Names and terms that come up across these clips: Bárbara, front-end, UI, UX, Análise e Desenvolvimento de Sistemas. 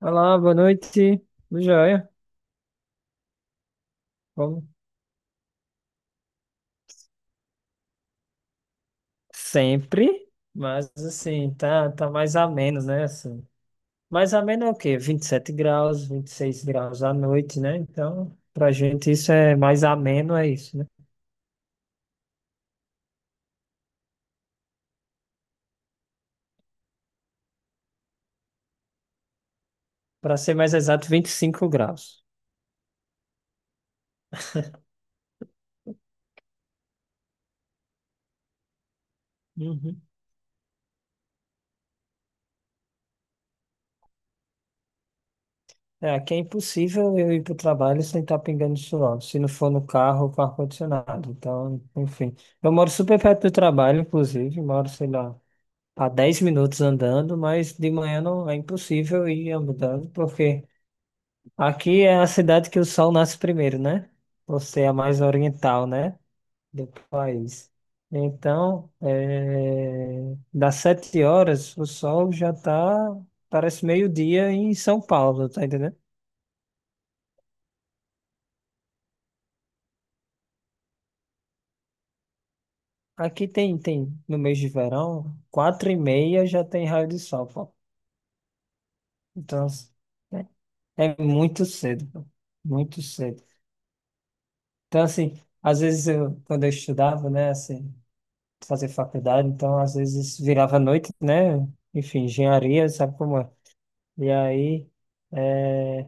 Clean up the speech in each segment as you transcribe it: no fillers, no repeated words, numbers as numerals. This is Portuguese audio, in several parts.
Olá, boa noite. Tudo jóia? Como sempre, mas assim, tá mais a menos, né? Assim, mais a menos é o quê? 27 graus, 26 graus à noite, né? Então, pra gente isso é mais ameno, é isso, né? Pra ser mais exato, 25 graus. Uhum. É, aqui é impossível eu ir pro trabalho sem estar pingando suor, se não for no carro ou com ar-condicionado. Então, enfim. Eu moro super perto do trabalho, inclusive, moro, sei lá, a 10 minutos andando, mas de manhã não é impossível ir andando, porque aqui é a cidade que o sol nasce primeiro, né? Você é a mais oriental, né? Do país. Então, das 7 horas, o sol já tá, parece meio-dia em São Paulo, tá entendendo? Aqui tem, no mês de verão, 4h30 já tem raio de sol, pô. Então, é é muito cedo, pô. Muito cedo. Então, assim, às vezes eu, quando eu estudava, né, assim, fazer faculdade, então às vezes virava à noite, né, enfim, engenharia, sabe como é? E aí, é,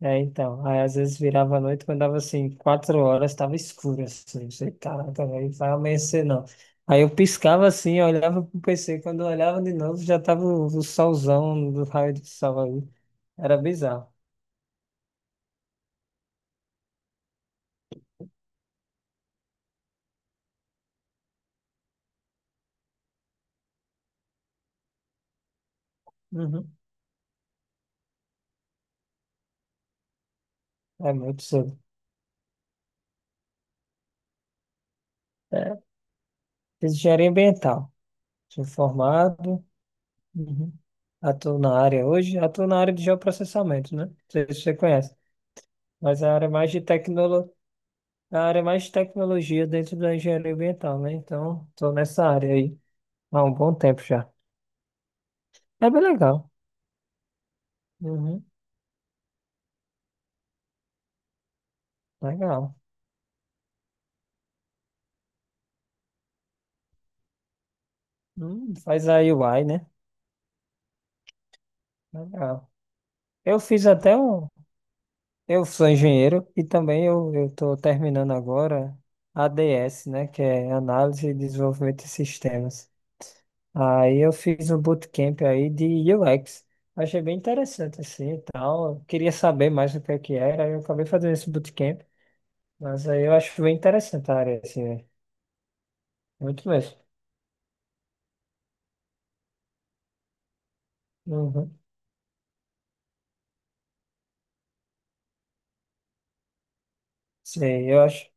então, aí às vezes virava à noite, quando dava assim, 4 horas, estava escuro, assim, eu sei, caraca, aí vai amanhecer não. Aí eu piscava assim, eu olhava pro PC, quando eu olhava de novo, já tava o solzão do raio do sol aí, era bizarro. Uhum. É muito cedo. É, fiz engenharia ambiental, sou formado. Uhum. Atuo na área hoje, atuo na área de geoprocessamento, né? Não sei se você conhece, mas é a área mais de tecnolo... é a área mais de tecnologia dentro da engenharia ambiental, né? Então, estou nessa área aí há um bom tempo já. É bem legal. Uhum. Legal. Faz a UI, né? Legal. Eu fiz até um. Eu sou engenheiro e também eu estou terminando agora ADS, né? Que é Análise e Desenvolvimento de Sistemas. Aí eu fiz um bootcamp aí de UX. Achei bem interessante assim e tal. Eu queria saber mais o que é que era, aí eu acabei fazendo esse bootcamp. Mas aí eu acho bem interessante a área, assim, né? Muito mesmo. Uhum. Sei, eu acho,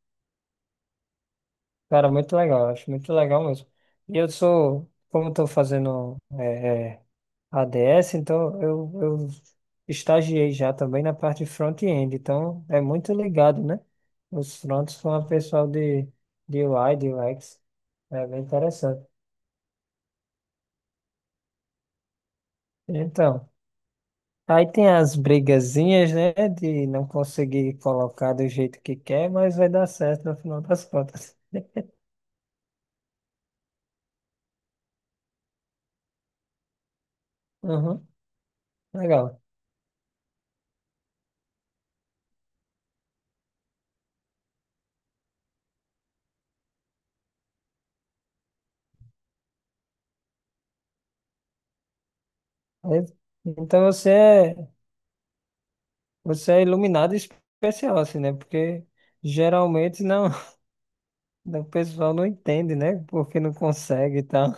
cara, muito legal, eu acho muito legal mesmo. E eu sou, como estou fazendo é, ADS, então eu estagiei já também na parte de front-end, então é muito ligado, né? Os fronts com o pessoal de UI, de UX, é bem interessante. Então, aí tem as brigazinhas, né, de não conseguir colocar do jeito que quer, mas vai dar certo no final das contas. Uhum, legal. Aí- Então você é iluminado especial, assim, né? Porque geralmente não. O pessoal não entende, né? Porque não consegue e tal.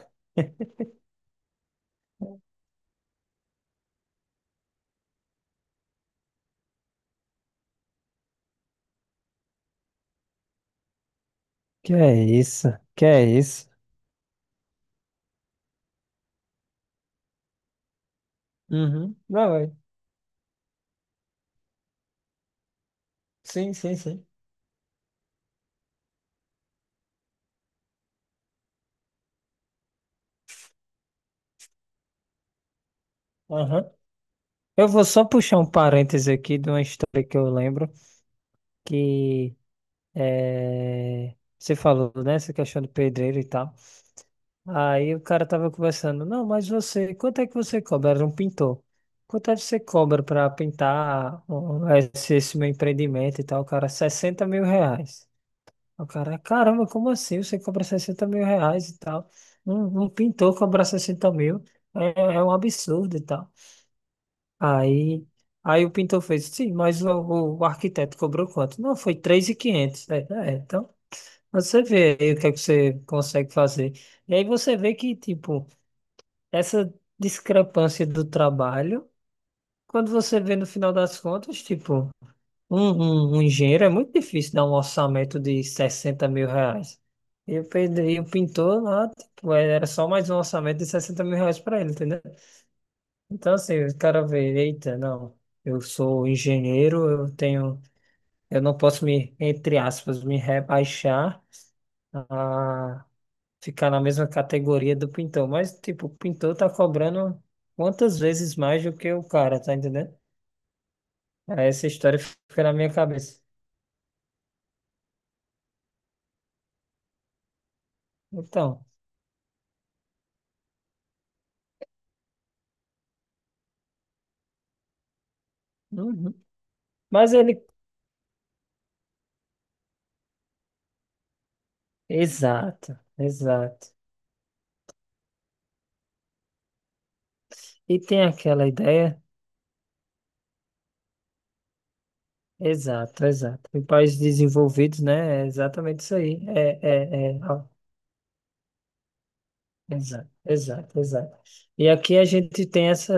Que é isso? Que é isso? Uhum. Não, é. Sim, sim, sim. Aham. Eu vou só puxar um parêntese aqui de uma história que eu lembro, que você falou, né? Essa questão do pedreiro e tal. Aí o cara tava conversando, não, mas você, quanto é que você cobra? Era um pintor. Quanto é que você cobra pra pintar ó, esse meu empreendimento e tal? O cara, R$ 60.000. O cara, caramba, como assim? Você cobra R$ 60.000 e tal. Um pintor cobrar 60 mil é um absurdo e tal. Aí, aí, o pintor fez, sim, mas o arquiteto cobrou quanto? Não, foi 3.500. É, então, você vê aí o que é que você consegue fazer. E aí você vê que, tipo, essa discrepância do trabalho, quando você vê no final das contas, tipo. Um, um engenheiro é muito difícil dar um orçamento de R$ 60.000. E o pintor lá, tipo, é, era só mais um orçamento de R$ 60.000 para ele, entendeu? Então, assim, o cara vê, eita, não, eu sou engenheiro, eu tenho, eu não posso me, entre aspas, me rebaixar a ficar na mesma categoria do pintor. Mas, tipo, o pintor tá cobrando quantas vezes mais do que o cara, tá entendendo? Aí essa história fica na minha cabeça. Então. Uhum. Mas ele. Exato, exato. E tem aquela ideia, exato, exato. Em países desenvolvidos, né? É exatamente isso aí. É, é, é, ó, exato, exato, exato. E aqui a gente tem essa,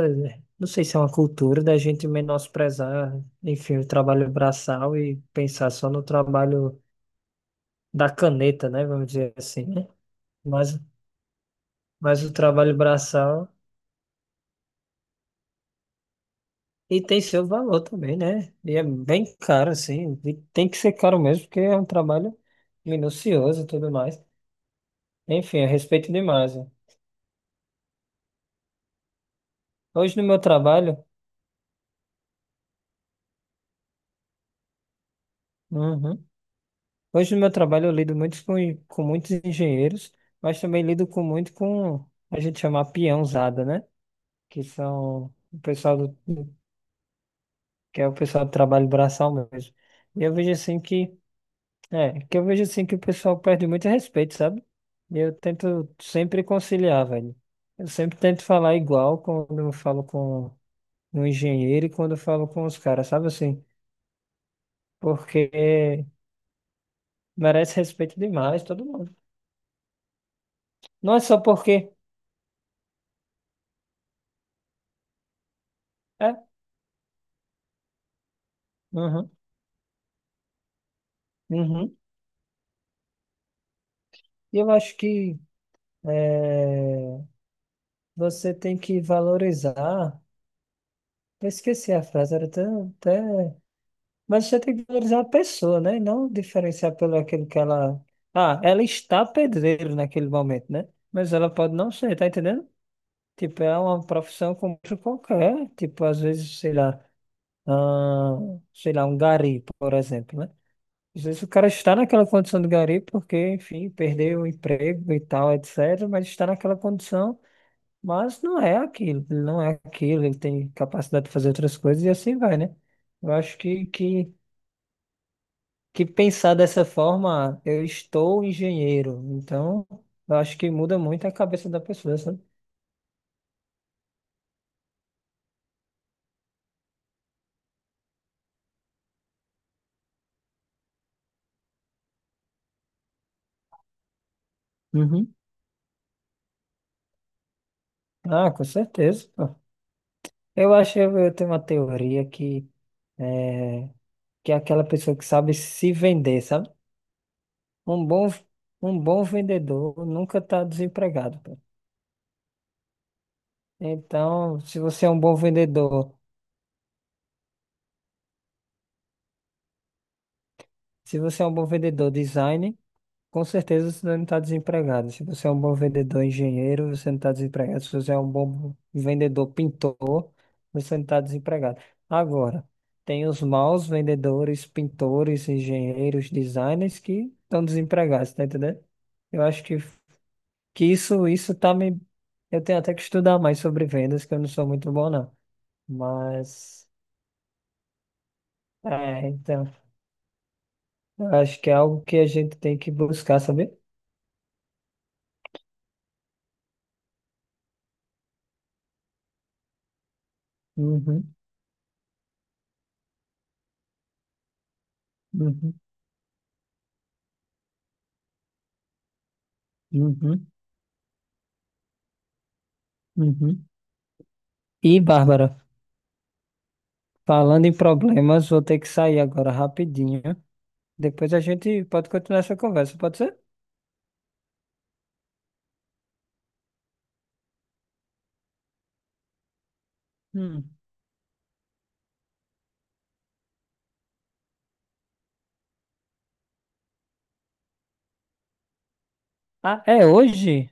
não sei se é uma cultura da gente menosprezar, enfim, o trabalho braçal e pensar só no trabalho da caneta, né? Vamos dizer assim, né? Mas, mas o trabalho braçal. E tem seu valor também, né? E é bem caro, assim. E tem que ser caro mesmo, porque é um trabalho minucioso e tudo mais. Enfim, eu respeito demais, né? Hoje no meu trabalho. Uhum. Hoje no meu trabalho eu lido muito com muitos engenheiros, mas também lido com muito com a gente chama peãozada, né? Que são o pessoal do, que é o pessoal do trabalho braçal mesmo. E eu vejo assim que É, Que eu vejo assim que o pessoal perde muito respeito, sabe? E eu tento sempre conciliar, velho. Eu sempre tento falar igual quando eu falo com um engenheiro e quando eu falo com os caras, sabe assim? Porque merece respeito demais todo mundo. Não é só porque. É, uhum, uhum. E eu acho que é, você tem que valorizar. Eu esqueci a frase, era até, até. Mas você tem que valorizar a pessoa, né? E não diferenciar pelo aquilo que ela. Ah, ela está pedreiro naquele momento, né? Mas ela pode não ser, tá entendendo? Tipo, é uma profissão como outra qualquer. Tipo, às vezes, sei lá, ah, sei lá, um gari, por exemplo, né? Às vezes o cara está naquela condição de gari porque, enfim, perdeu o emprego e tal, etc. Mas está naquela condição, mas não é aquilo, ele não é aquilo, ele tem capacidade de fazer outras coisas e assim vai, né? Eu acho que pensar dessa forma, eu estou engenheiro, então eu acho que muda muito a cabeça da pessoa, sabe? Uhum. Ah, com certeza, pô. Eu acho, eu tenho uma teoria é, que é aquela pessoa que sabe se vender, sabe? Um bom, um bom vendedor nunca está desempregado, pô. Então, se você é um bom vendedor, se você é um bom vendedor design, com certeza você não está desempregado. Se você é um bom vendedor, engenheiro, você não está desempregado. Se você é um bom vendedor, pintor, você não está desempregado. Agora, tem os maus vendedores, pintores, engenheiros, designers que estão desempregados, tá entendendo? Eu acho que isso tá me. Eu tenho até que estudar mais sobre vendas, que eu não sou muito bom, não. Mas, então, eu acho que é algo que a gente tem que buscar, sabe? Uhum, uhum, uhum, uhum. E, Bárbara, falando em problemas, vou ter que sair agora rapidinho. Depois a gente pode continuar essa conversa, pode ser? Hum. Ah, é hoje?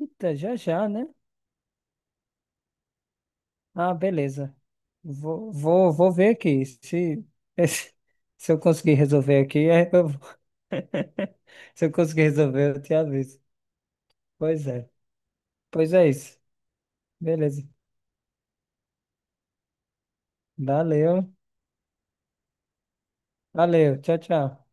Eita, já já, né? Ah, beleza. Vou, vou, vou ver aqui. Se, se eu conseguir resolver aqui, é, eu... se eu conseguir resolver, eu te aviso. Pois é. Pois é isso. Beleza. Valeu. Valeu. Tchau, tchau.